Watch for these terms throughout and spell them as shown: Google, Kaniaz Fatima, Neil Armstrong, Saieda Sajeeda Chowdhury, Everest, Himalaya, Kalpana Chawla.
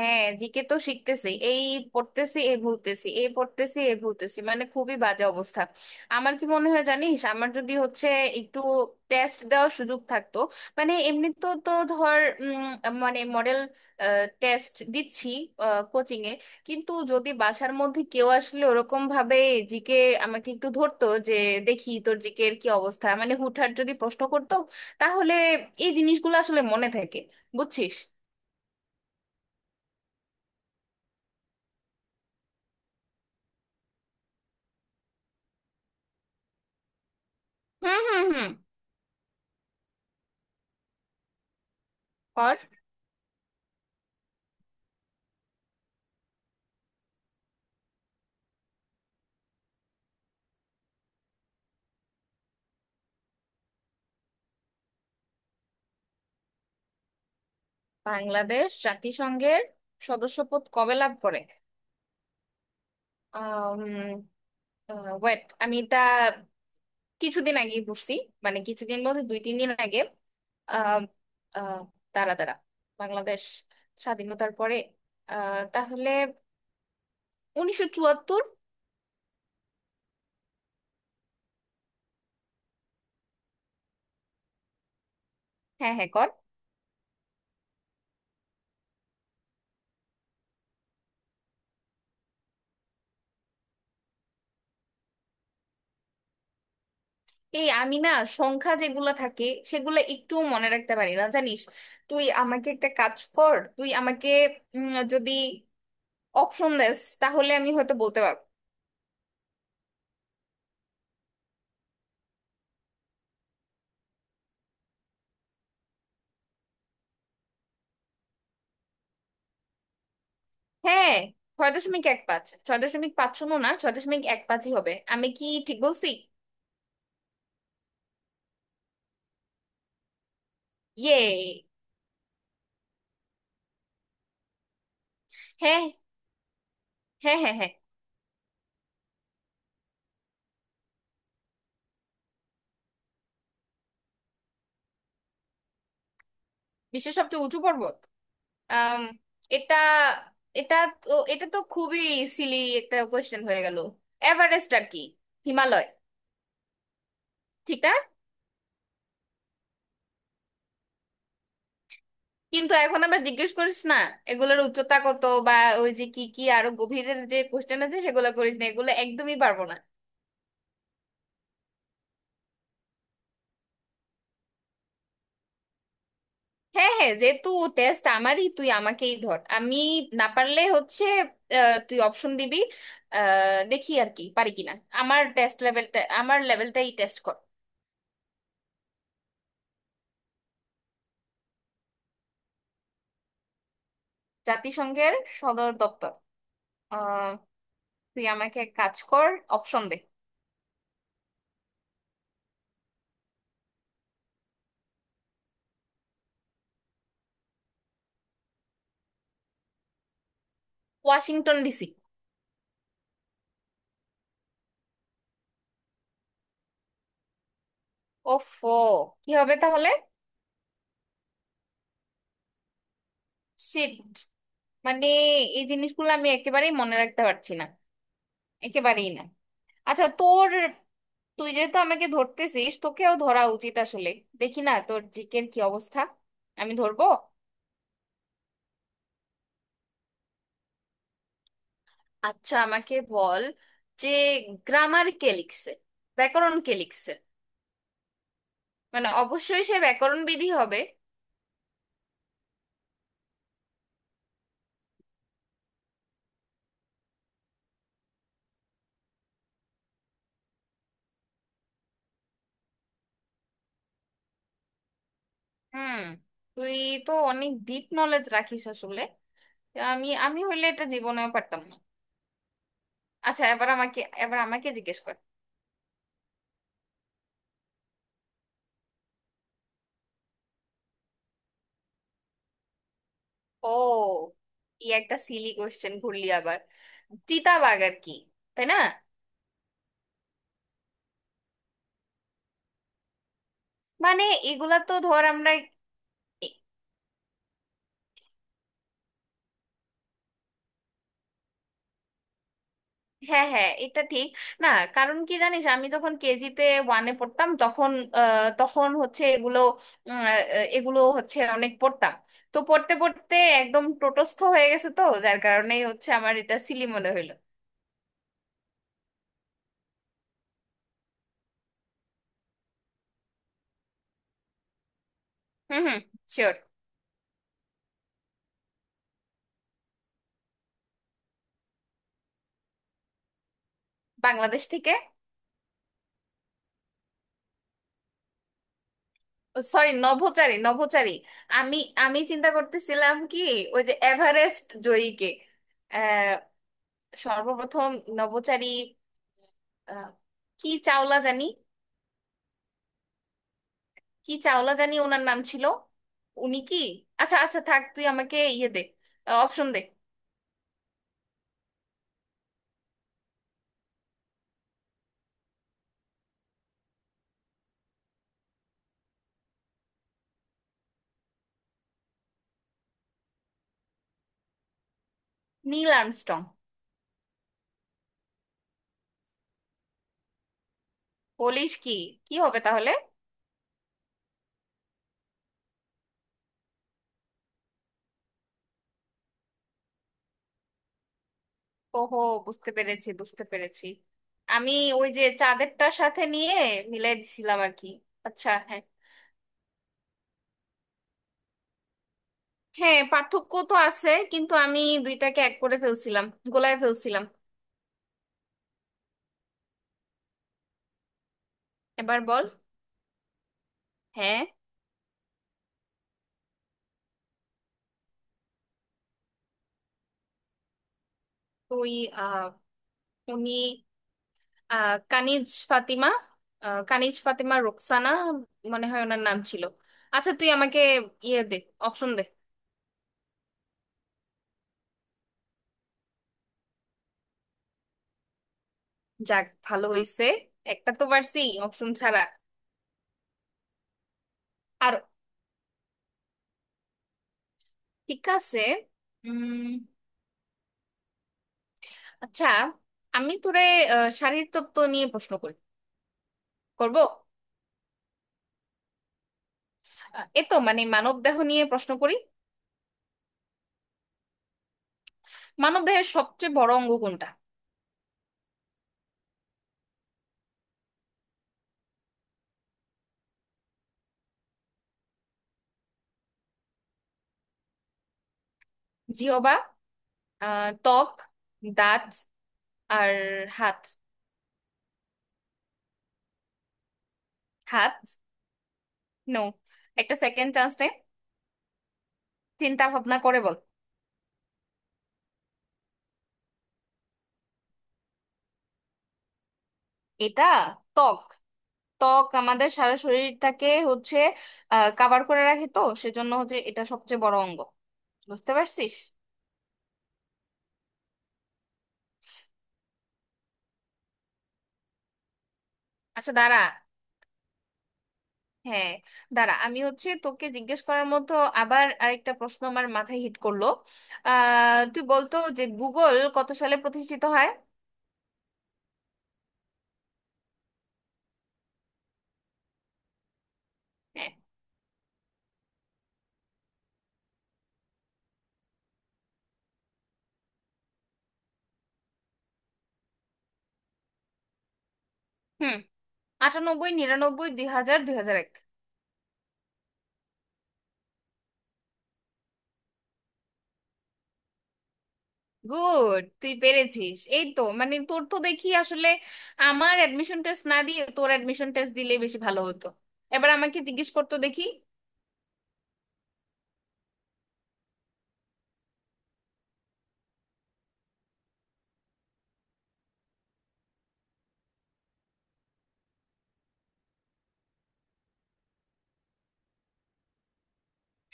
হ্যাঁ, জিকে তো শিখতেছি। এই পড়তেছি এ ভুলতেছি, এ পড়তেছি এ ভুলতেছি, মানে খুবই বাজে অবস্থা। আমার কি মনে হয় জানিস, আমার যদি হচ্ছে একটু টেস্ট দেওয়ার সুযোগ থাকতো। মানে এমনি তো তো ধর মানে মডেল টেস্ট দিচ্ছি কোচিং এ, কিন্তু যদি বাসার মধ্যে কেউ আসলে ওরকম ভাবে জিকে আমাকে একটু ধরতো, যে দেখি তোর জিকে এর কি অবস্থা, মানে হুটহাট যদি প্রশ্ন করতো, তাহলে এই জিনিসগুলো আসলে মনে থাকে। বুঝছিস? হুম হুম হুম। বাংলাদেশ জাতিসংঘের সদস্যপদ কবে লাভ করে? ওয়েট, আমি এটা কিছুদিন আগে পড়ছি। মানে কিছুদিন বলতে দুই তিন দিন আগে। আহ আহ দাঁড়া দাঁড়া, বাংলাদেশ স্বাধীনতার পরে, তাহলে 1974। হ্যাঁ হ্যাঁ, কর। এই আমি না সংখ্যা যেগুলা থাকে সেগুলা একটু মনে রাখতে পারি না, জানিস। তুই আমাকে একটা কাজ কর, তুই আমাকে যদি অপশন দেস তাহলে আমি হয়তো বলতে পারবো। হ্যাঁ, 6.15, 6.50 না ছয় দশমিক এক পাঁচই হবে। আমি কি ঠিক বলছি? ইয়ে। হ্যাঁ হ্যাঁ হ্যাঁ হ্যাঁ। বিশ্বের সবচেয়ে উঁচু পর্বত? আম, এটা এটা তো এটা তো খুবই সিলি একটা কোয়েশ্চেন হয়ে গেল। এভারেস্ট আর কি। হিমালয়। ঠিক না? কিন্তু এখন আমরা জিজ্ঞেস করিস না এগুলোর উচ্চতা কত, বা ওই যে কি কি আরো গভীরের যে কোয়েশ্চেন আছে সেগুলো করিস না, এগুলো একদমই পারবো না। হ্যাঁ হ্যাঁ, যেহেতু টেস্ট আমারই, তুই আমাকেই ধর। আমি না পারলে হচ্ছে তুই অপশন দিবি। দেখি আর কি পারি কিনা। আমার টেস্ট লেভেলটা, আমার লেভেলটাই টেস্ট কর। জাতিসংঘের সদর দপ্তর? আহ, তুই আমাকে এক কাজ কর, অপশন দে। Washington DC. ওফো, কি হবে তাহলে? শিট। মানে এই জিনিসগুলো আমি একেবারেই মনে রাখতে পারছি না, একেবারেই না। আচ্ছা তোর, তুই যেহেতু আমাকে ধরতেছিস তোকেও ধরা উচিত আসলে। দেখি না তোর জিকের কি অবস্থা, আমি ধরবো। আচ্ছা আমাকে বল যে গ্রামার কে লিখছে, ব্যাকরণ কে লিখছে? মানে অবশ্যই সে ব্যাকরণ বিধি হবে। হুম, তুই তো অনেক ডিপ নলেজ রাখিস আসলে। আমি আমি হইলে এটা জীবনেও পারতাম না। আচ্ছা, এবার আমাকে জিজ্ঞেস কর। ও, কি একটা সিলি কোয়েশ্চেন ঘুরলি আবার। চিতাবাঘ আর কি, তাই না? মানে এগুলা তো ধর আমরা। হ্যাঁ হ্যাঁ, এটা ঠিক না। কারণ কি জানিস, আমি যখন কেজিতে ওয়ানে পড়তাম তখন, তখন হচ্ছে এগুলো উম, আহ, এগুলো হচ্ছে অনেক পড়তাম। তো পড়তে পড়তে একদম টোটস্থ হয়ে গেছে, তো যার কারণেই হচ্ছে আমার এটা সিলি মনে হইলো। হুম হুম, শিওর। বাংলাদেশ থেকে? সরি, নভোচারী নভোচারী। আমি, আমি চিন্তা করতেছিলাম কি ওই যে এভারেস্ট জয়ীকে। আহ সর্বপ্রথম নভোচারী আহ, কি চাওলা জানি, কি চাওলা জানি ওনার নাম ছিল। উনি কি? আচ্ছা আচ্ছা থাক, তুই আমাকে ইয়ে দে, অপশন দে। Neil Armstrong. বলিস কি, কি হবে তাহলে? ওহো, বুঝতে পেরেছি বুঝতে পেরেছি। আমি ওই যে চাঁদেরটার সাথে নিয়ে মিলাই দিছিলাম আর কি। আচ্ছা, হ্যাঁ। হ্যাঁ পার্থক্য তো আছে, কিন্তু আমি দুইটাকে এক করে ফেলছিলাম, গোলায় ফেলছিলাম। এবার বল, হ্যাঁ। তুই আহ উনি কানিজ ফাতিমা, কানিজ ফাতিমা রোকসানা মনে হয় ওনার নাম ছিল। আচ্ছা তুই আমাকে ইয়ে দে, অপশন দে। যাক, ভালো হইছে, একটা তো পারছি অপশন ছাড়া। আর ঠিক আছে। উম, আচ্ছা, আমি তোরে শারীর তত্ত্ব নিয়ে প্রশ্ন করি, করব। এ তো মানে মানব দেহ নিয়ে প্রশ্ন করি। মানব দেহের সবচেয়ে বড় অঙ্গ কোনটা? জিহবা, ত্বক, দাঁত, আর হাত। হাত? নো, একটা সেকেন্ড চান্স নে। চিন্তা ভাবনা করে বল। এটা ত্বক। ত্বক আমাদের সারা শরীরটাকে হচ্ছে কাভার করে রাখে, তো সেজন্য হচ্ছে এটা সবচেয়ে বড় অঙ্গ। বুঝতে পারছিস? আচ্ছা দাঁড়া, হ্যাঁ দাঁড়া, আমি হচ্ছে তোকে জিজ্ঞেস করার মতো আবার আরেকটা প্রশ্ন আমার মাথায় হিট করলো। তুই বলতো যে গুগল কত সালে প্রতিষ্ঠিত হয়? হ্যাঁ। হুম, 98, 99, 2000, 2001। গুড, তুই পেরেছিস। এই তো, মানে তোর তো দেখি আসলে আমার অ্যাডমিশন টেস্ট না দিয়ে তোর অ্যাডমিশন টেস্ট দিলে বেশি ভালো হতো। এবার আমাকে জিজ্ঞেস করতো দেখি।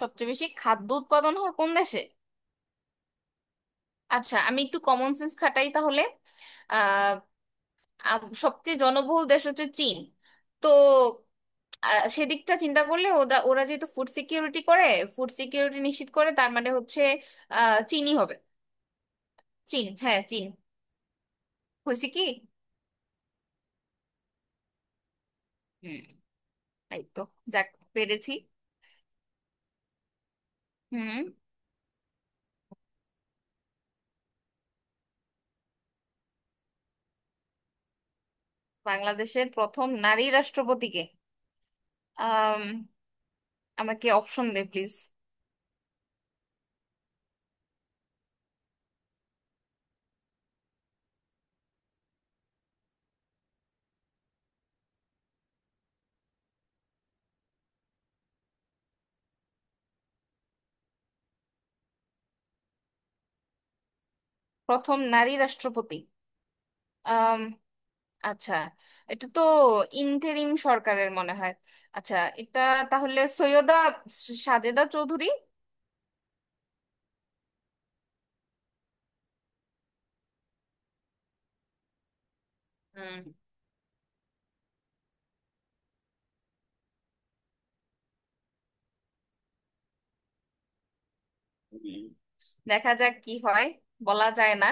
সবচেয়ে বেশি খাদ্য উৎপাদন হয় কোন দেশে? আচ্ছা আমি একটু কমন সেন্স খাটাই তাহলে। আহ সবচেয়ে জনবহুল দেশ হচ্ছে চীন, তো সেদিকটা চিন্তা করলে ওরা যেহেতু ফুড সিকিউরিটি করে, ফুড সিকিউরিটি নিশ্চিত করে, তার মানে হচ্ছে চীনই হবে। চীন, হ্যাঁ চীন। হয়েছে কি? হুম, এই তো, যাক, পেরেছি। হুম। বাংলাদেশের প্রথম নারী রাষ্ট্রপতিকে? আম, আমাকে অপশন দে প্লিজ। প্রথম নারী রাষ্ট্রপতি। আম, আচ্ছা, এটা তো ইন্টেরিম সরকারের মনে হয়। আচ্ছা, এটা তাহলে সৈয়দা সাজেদা চৌধুরী। হুম। হুম। দেখা যাক কি হয়, বলা যায় না।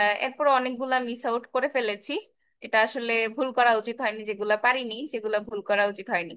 এরপর অনেকগুলা মিস আউট করে ফেলেছি। এটা আসলে ভুল করা উচিত হয়নি, যেগুলা পারিনি সেগুলা ভুল করা উচিত হয়নি।